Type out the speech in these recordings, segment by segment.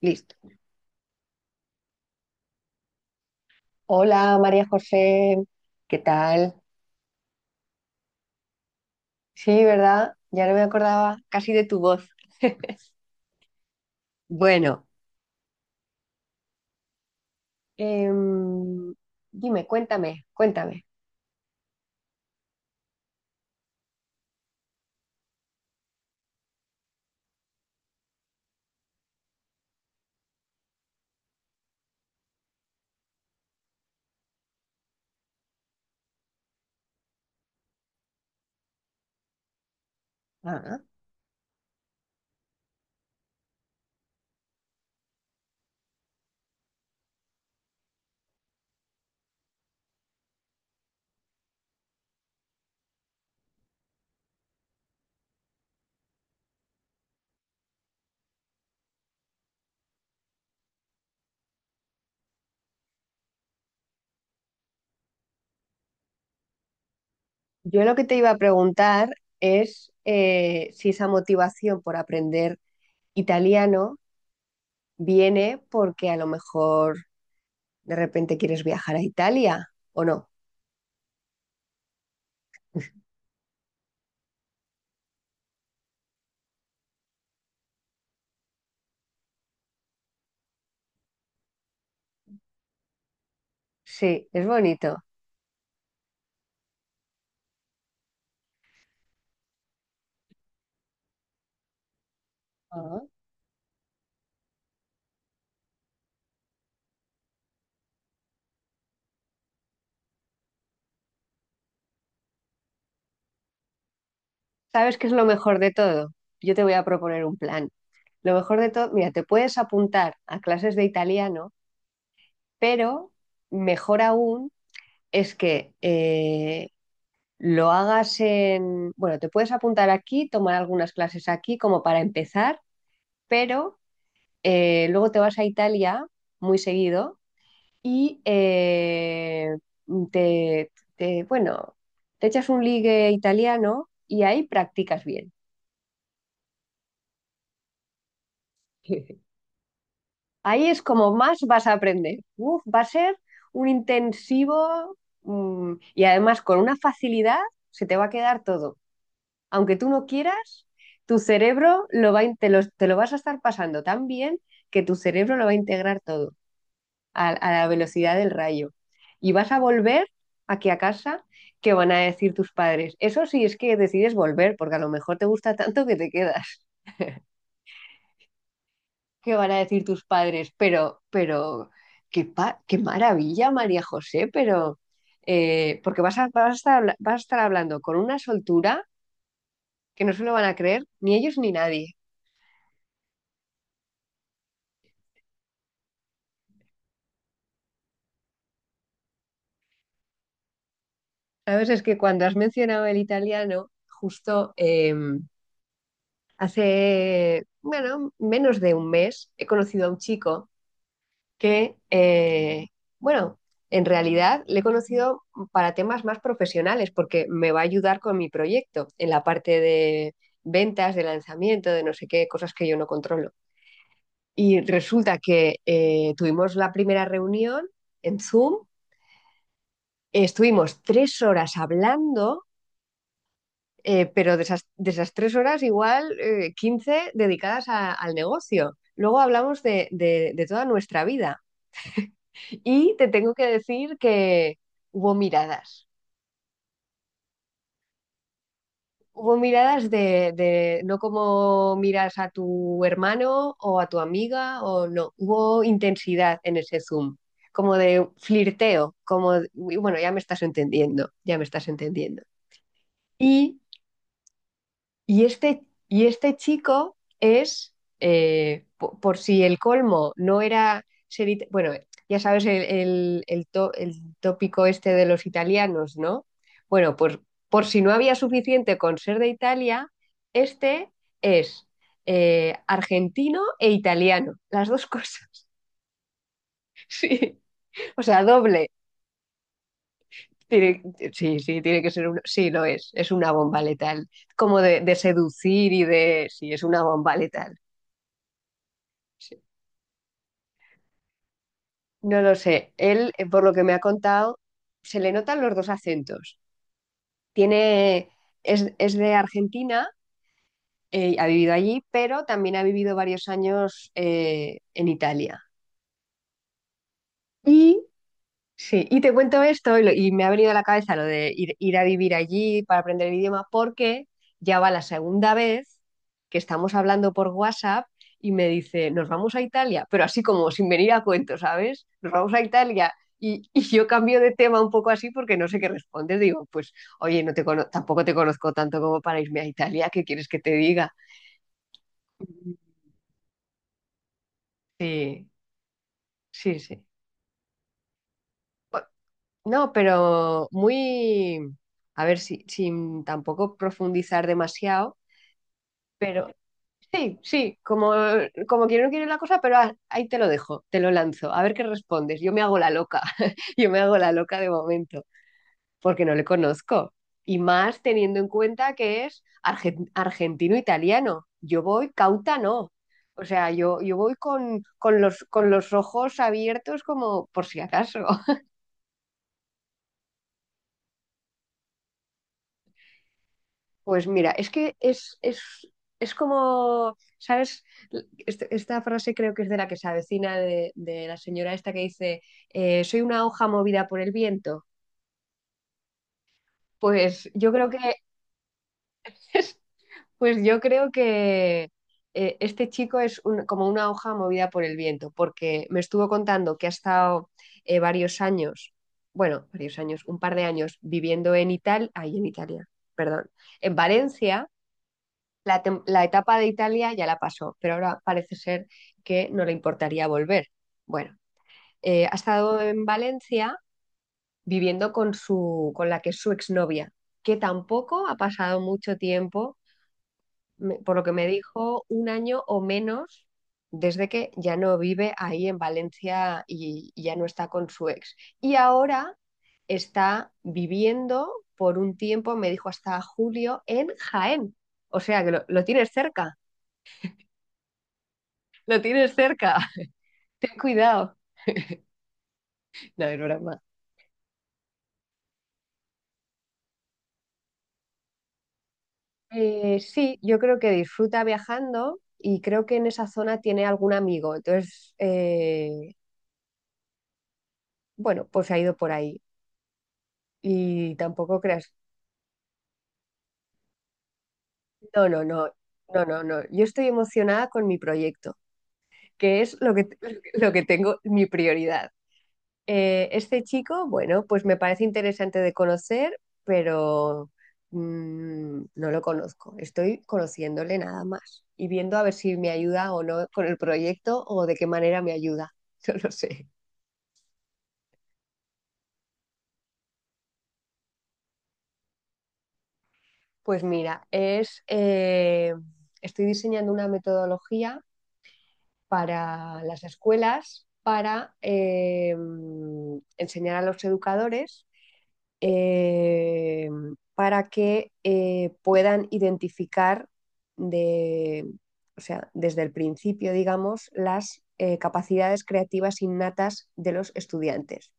Listo. Hola María José, ¿qué tal? Sí, ¿verdad? Ya no me acordaba casi de tu voz. Bueno, em, dime, cuéntame. Ah, yo lo que te iba a preguntar es si esa motivación por aprender italiano viene porque a lo mejor de repente quieres viajar a Italia o no. Sí, es bonito. ¿Sabes qué es lo mejor de todo? Yo te voy a proponer un plan. Lo mejor de todo, mira, te puedes apuntar a clases de italiano, pero mejor aún es que lo hagas en... Bueno, te puedes apuntar aquí, tomar algunas clases aquí como para empezar, pero luego te vas a Italia muy seguido y bueno, te echas un ligue italiano y ahí practicas bien. Ahí es como más vas a aprender. Uf, va a ser un intensivo, y además con una facilidad se te va a quedar todo. Aunque tú no quieras, tu cerebro lo va, te lo vas a estar pasando tan bien que tu cerebro lo va a integrar todo a la velocidad del rayo. Y vas a volver aquí a casa, ¿que van a decir tus padres? Eso sí es que decides volver, porque a lo mejor te gusta tanto que te quedas. Qué van a decir tus padres, pero, qué, qué maravilla, María José, pero, porque vas a, vas a estar, vas a estar hablando con una soltura que no se lo van a creer ni ellos ni nadie. Sabes, es que cuando has mencionado el italiano, justo hace, bueno, menos de un mes he conocido a un chico que, bueno, en realidad le he conocido para temas más profesionales porque me va a ayudar con mi proyecto en la parte de ventas, de lanzamiento, de no sé qué, cosas que yo no controlo. Y resulta que tuvimos la primera reunión en Zoom, estuvimos 3 horas hablando, pero de esas 3 horas igual 15 dedicadas al negocio. Luego hablamos de, de toda nuestra vida. Y te tengo que decir que hubo miradas. Hubo miradas de no como miras a tu hermano o a tu amiga o no. Hubo intensidad en ese Zoom, como de flirteo, como, de, "Uy, bueno, ya me estás entendiendo, ya me estás entendiendo." Y Y este, y este chico es, por, si el colmo no era ser, bueno, ya sabes el, el el tópico este de los italianos, ¿no? Bueno, pues por si no había suficiente con ser de Italia, este es argentino e italiano, las dos cosas, sí, o sea, doble. Tiene- sí, sí, tiene que ser uno, sí, lo es una bomba letal, como de seducir y de, sí, es una bomba letal. Sí. No lo sé. Él, por lo que me ha contado, se le notan los dos acentos. Tiene, es de Argentina, ha vivido allí, pero también ha vivido varios años en Italia. Y sí, y te cuento esto y, y me ha venido a la cabeza lo de ir, ir a vivir allí para aprender el idioma, porque ya va la segunda vez que estamos hablando por WhatsApp y me dice, nos vamos a Italia, pero así como sin venir a cuento, ¿sabes? Nos vamos a Italia. Y yo cambio de tema un poco así porque no sé qué responder. Digo, pues, oye, tampoco te conozco tanto como para irme a Italia, ¿qué quieres que te diga? Sí, sí, sí. No, pero muy, a ver, si, sin tampoco profundizar demasiado, pero sí, sí, como, como quiero no quiero la cosa, pero ahí te lo dejo, te lo lanzo, a ver qué respondes. Yo me hago la loca, yo me hago la loca de momento, porque no le conozco. Y más teniendo en cuenta que es argentino-italiano. Yo voy cauta, no. O sea, yo voy con los ojos abiertos como por si acaso. Pues mira, es que es como, ¿sabes? Esta frase creo que es de La que se avecina de la señora esta que dice, soy una hoja movida por el viento. Pues yo creo que, pues yo creo que este chico es como una hoja movida por el viento, porque me estuvo contando que ha estado varios años, bueno, varios años, un par de años viviendo en Italia, ahí en Italia, perdón, en Valencia la, la etapa de Italia ya la pasó, pero ahora parece ser que no le importaría volver. Bueno, ha estado en Valencia viviendo con su, con la que es su exnovia, que tampoco ha pasado mucho tiempo, por lo que me dijo, 1 año o menos desde que ya no vive ahí en Valencia y ya no está con su ex. Y ahora está viviendo por un tiempo, me dijo hasta julio, en Jaén. O sea que lo tienes cerca. Lo tienes cerca, ten cuidado. No, era broma. Sí, yo creo que disfruta viajando y creo que en esa zona tiene algún amigo. Entonces, bueno, pues ha ido por ahí. Y tampoco creas, no, no, no, no, no, no. Yo estoy emocionada con mi proyecto, que es lo que, lo que tengo, mi prioridad. Este chico, bueno, pues me parece interesante de conocer, pero no lo conozco. Estoy conociéndole nada más y viendo a ver si me ayuda o no con el proyecto o de qué manera me ayuda. No lo sé. Pues mira, es, estoy diseñando una metodología para las escuelas para enseñar a los educadores eh, para que puedan identificar de, o sea, desde el principio, digamos, las capacidades creativas innatas de los estudiantes.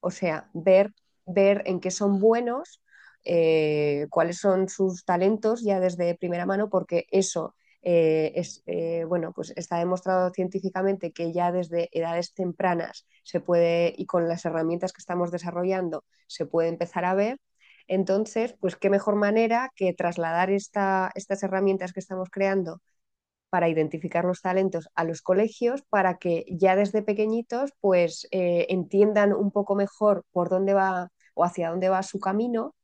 O sea, ver, ver en qué son buenos, cuáles son sus talentos ya desde primera mano, porque eso es, bueno, pues está demostrado científicamente que ya desde edades tempranas se puede, y con las herramientas que estamos desarrollando, se puede empezar a ver. Entonces, pues qué mejor manera que trasladar esta, estas herramientas que estamos creando para identificar los talentos a los colegios para que ya desde pequeñitos pues entiendan un poco mejor por dónde va o hacia dónde va su camino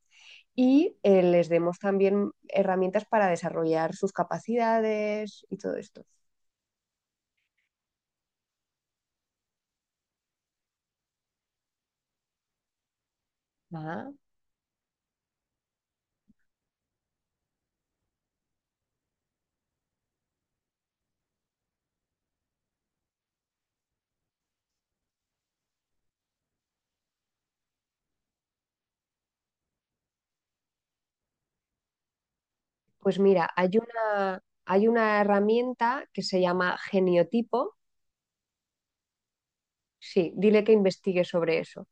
y les demos también herramientas para desarrollar sus capacidades y todo esto. Ah, pues mira, hay una herramienta que se llama geniotipo. Sí, dile que investigue sobre eso.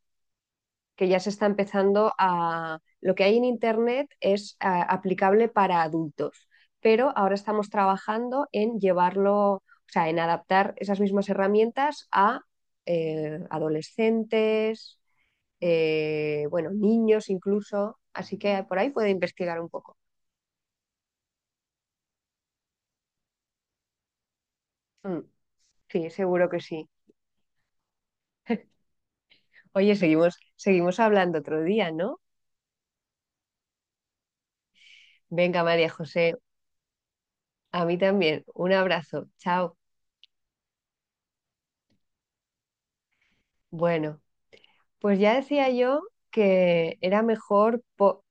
Que ya se está empezando a... Lo que hay en Internet es aplicable para adultos, pero ahora estamos trabajando en llevarlo, o sea, en adaptar esas mismas herramientas a adolescentes, bueno, niños incluso, así que por ahí puede investigar un poco. Mm, sí, seguro que sí. Oye, seguimos, seguimos hablando otro día, ¿no? Venga, María José, a mí también. Un abrazo. Chao. Bueno. Pues ya decía yo que era mejor